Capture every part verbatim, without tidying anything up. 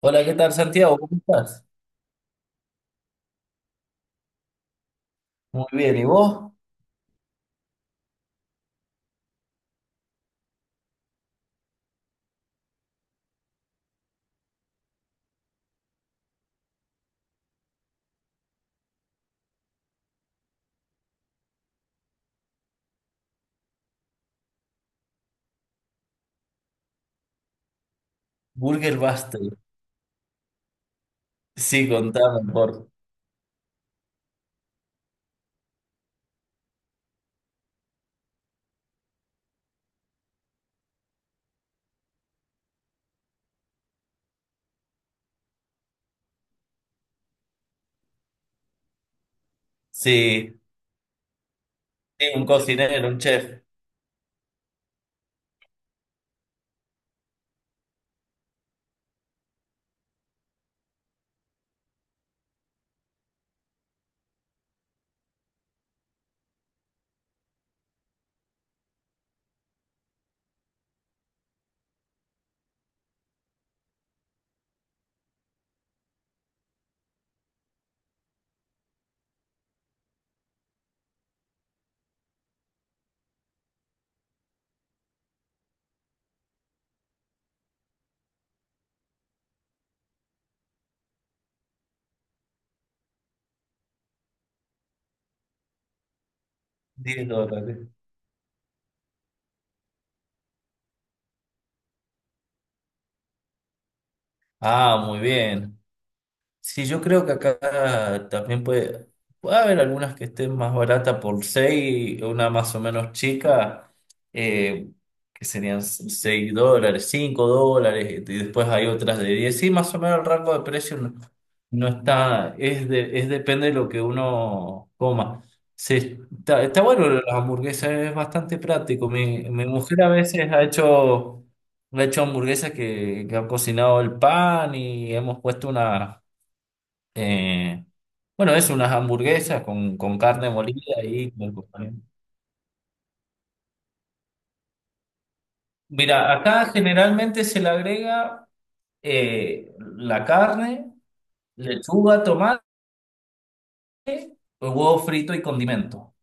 Hola, ¿qué tal, Santiago? ¿Cómo estás? Muy bien, ¿y vos? Burger Buster. Sí, contame, por. Sí, sí, un cocinero, un chef. diez dólares. Ah, muy bien. Sí, yo creo que acá también puede, puede haber algunas que estén más baratas por seis, una más o menos chica, eh, que serían seis dólares, cinco dólares, y después hay otras de diez. Sí, más o menos el rango de precio no, no está, es, de, es depende de lo que uno coma. Se- está, está bueno las hamburguesas, es bastante práctico. Mi, mi mujer a veces ha hecho, ha hecho hamburguesas que, que ha cocinado el pan y hemos puesto una eh, bueno, es unas hamburguesas con, con carne molida y con el acompañamiento. Mira, acá generalmente se le agrega eh, la carne, lechuga, tomate, huevo frito y condimento.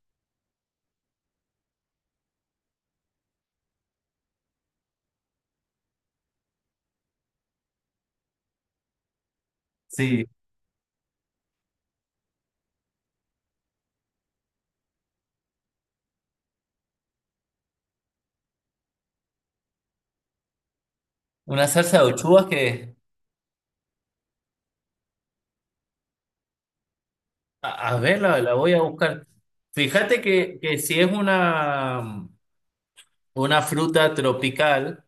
Sí, una salsa de ochugas que, a, a ver, la, la voy a buscar. Fíjate que, que si es una, una fruta tropical,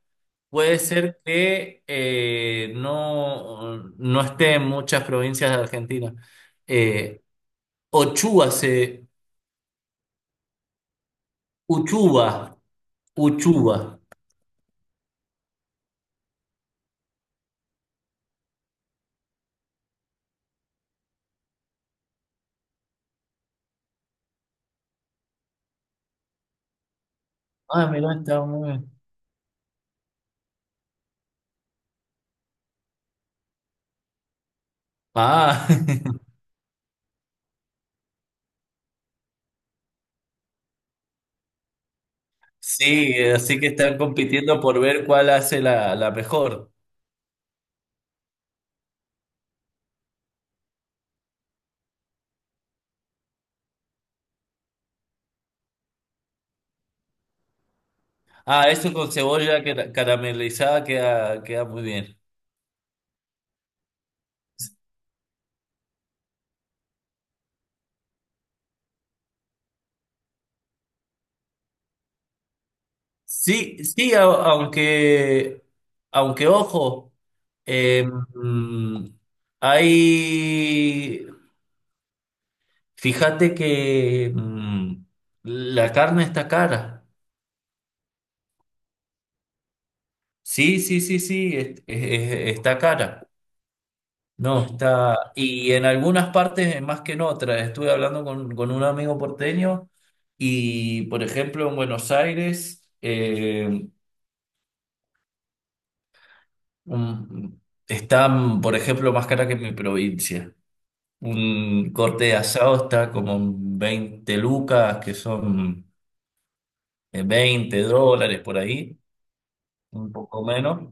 puede ser que eh, no, no esté en muchas provincias de Argentina. Eh, Ochuba se. Uchuba. Uchuba. Ah, mira, está muy bien. Ah, sí, así que están compitiendo por ver cuál hace la, la mejor. Ah, eso con cebolla cara- caramelizada queda, queda muy bien. Sí, sí, a- aunque, aunque ojo, eh, mm, hay, fíjate que mm, la carne está cara. Sí, sí, sí, sí, es- es- es- está cara. No, está. Y en algunas partes, más que en otras, estuve hablando con, con un amigo porteño y, por ejemplo, en Buenos Aires eh, un- está, por ejemplo, más cara que en mi provincia. Un corte de asado está como en veinte lucas, que son eh, veinte dólares por ahí, un poco menos,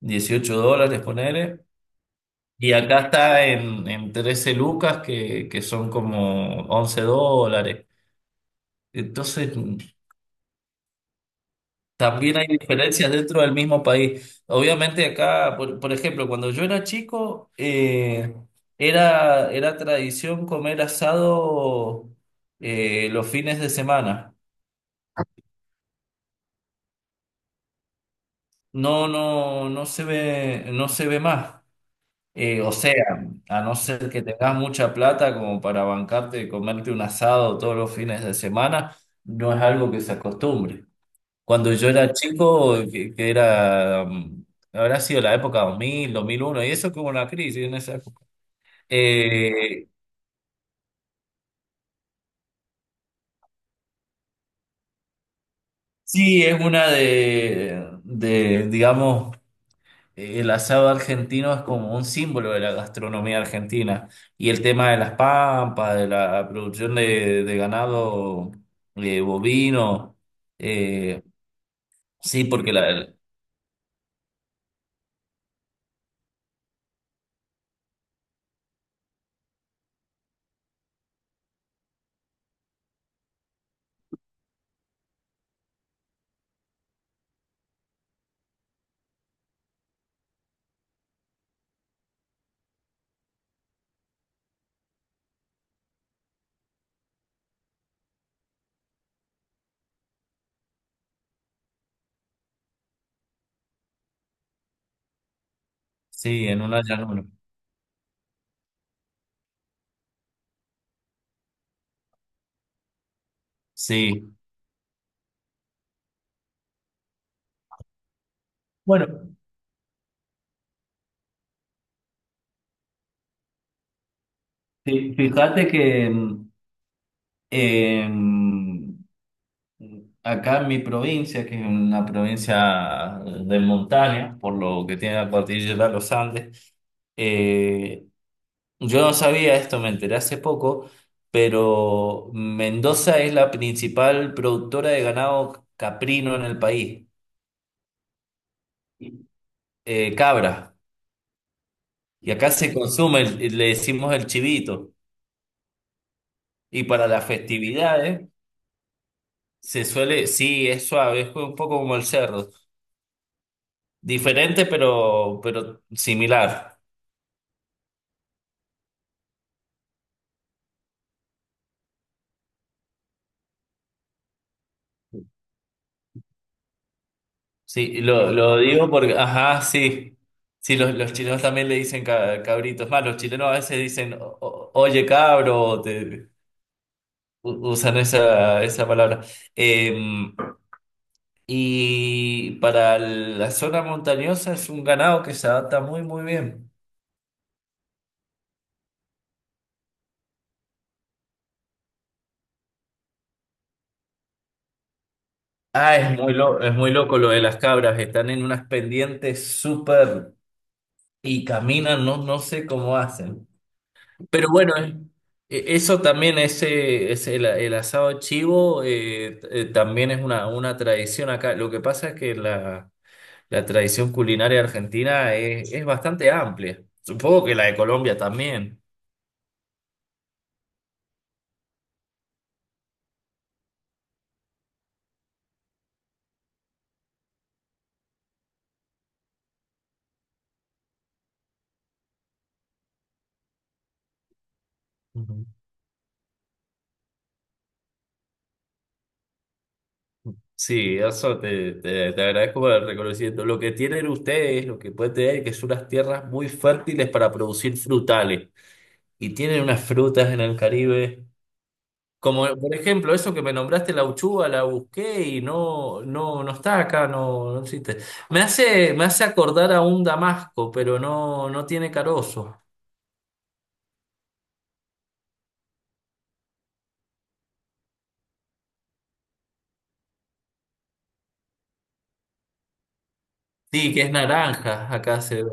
dieciocho dólares, poner. Y acá está en, en trece lucas, que, que son como once dólares. Entonces, también hay diferencias dentro del mismo país. Obviamente acá, por, por ejemplo, cuando yo era chico, eh, era, era tradición comer asado eh, los fines de semana. No, no, no se ve, no se ve más. Eh, o sea, a no ser que tengas mucha plata como para bancarte y comerte un asado todos los fines de semana, no es algo que se acostumbre. Cuando yo era chico, que, que era, mm, habrá sido la época dos dos mil dos mil uno y eso que hubo una crisis en esa época. Eh, sí, es una de, de, digamos, el asado argentino es como un símbolo de la gastronomía argentina. Y el tema de las pampas, de la producción de, de ganado eh, bovino. eh, sí, porque la, el- sí, en una llanura. Sí. Bueno, fi- fíjate que mm, em, acá en mi provincia, que es una provincia de montaña, por lo que tiene la cordillera de los Andes, eh, yo no sabía esto, me enteré hace poco, pero Mendoza es la principal productora de ganado caprino en el país, eh, cabra. Y acá se consume, el- le decimos el chivito. Y para las festividades se suele, sí, es suave, es un poco como el cerdo. Diferente, pero, pero similar. Sí, lo, Claro. lo digo porque, ajá, sí. Sí, los, los chilenos también le dicen ca- cabritos. Más, los chilenos a veces dicen, "O- o- Oye, cabro, o te, u- usan esa, esa palabra". Em, y para la zona montañosa es un ganado que se adapta muy, muy bien. Ah, es muy, lo, es muy loco lo de las cabras, están en unas pendientes súper y caminan, no, no sé cómo hacen. Pero bueno, eh, e- eso también, ese, ese- el, el asado chivo eh, t- eh, también es una, una tradición acá. Lo que pasa es que la... La tradición culinaria argentina es, es bastante amplia. Supongo que la de Colombia también. Ujú. Sí, eso te, te, te agradezco por el reconocimiento. Lo que tienen ustedes, lo que pueden tener, que son unas tierras muy fértiles para producir frutales. Y tienen unas frutas en el Caribe. Como por ejemplo, eso que me nombraste, la uchuva, la busqué y no, no, no está acá, no, no existe. Me hace, me hace acordar a un damasco, pero no, no tiene carozo. Sí, que es naranja, acá se.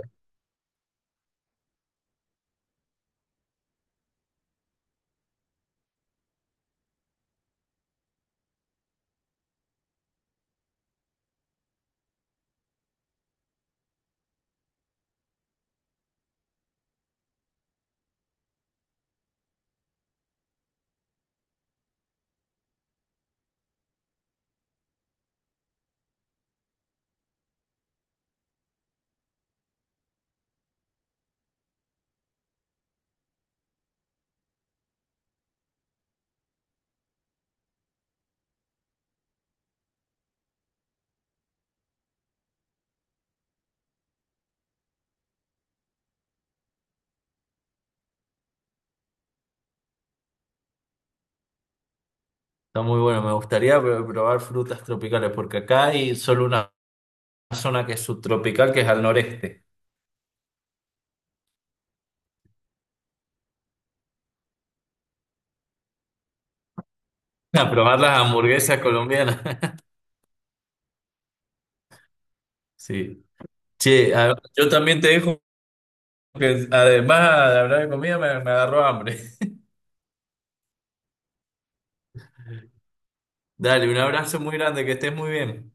Está muy bueno, me gustaría pr- probar frutas tropicales, porque acá hay solo una zona que es subtropical, que es al noreste. A probar las hamburguesas colombianas. Sí. Che, a- yo también te dejo, que además de hablar de comida, me, me agarró hambre. Dale, un abrazo muy grande, que estés muy bien.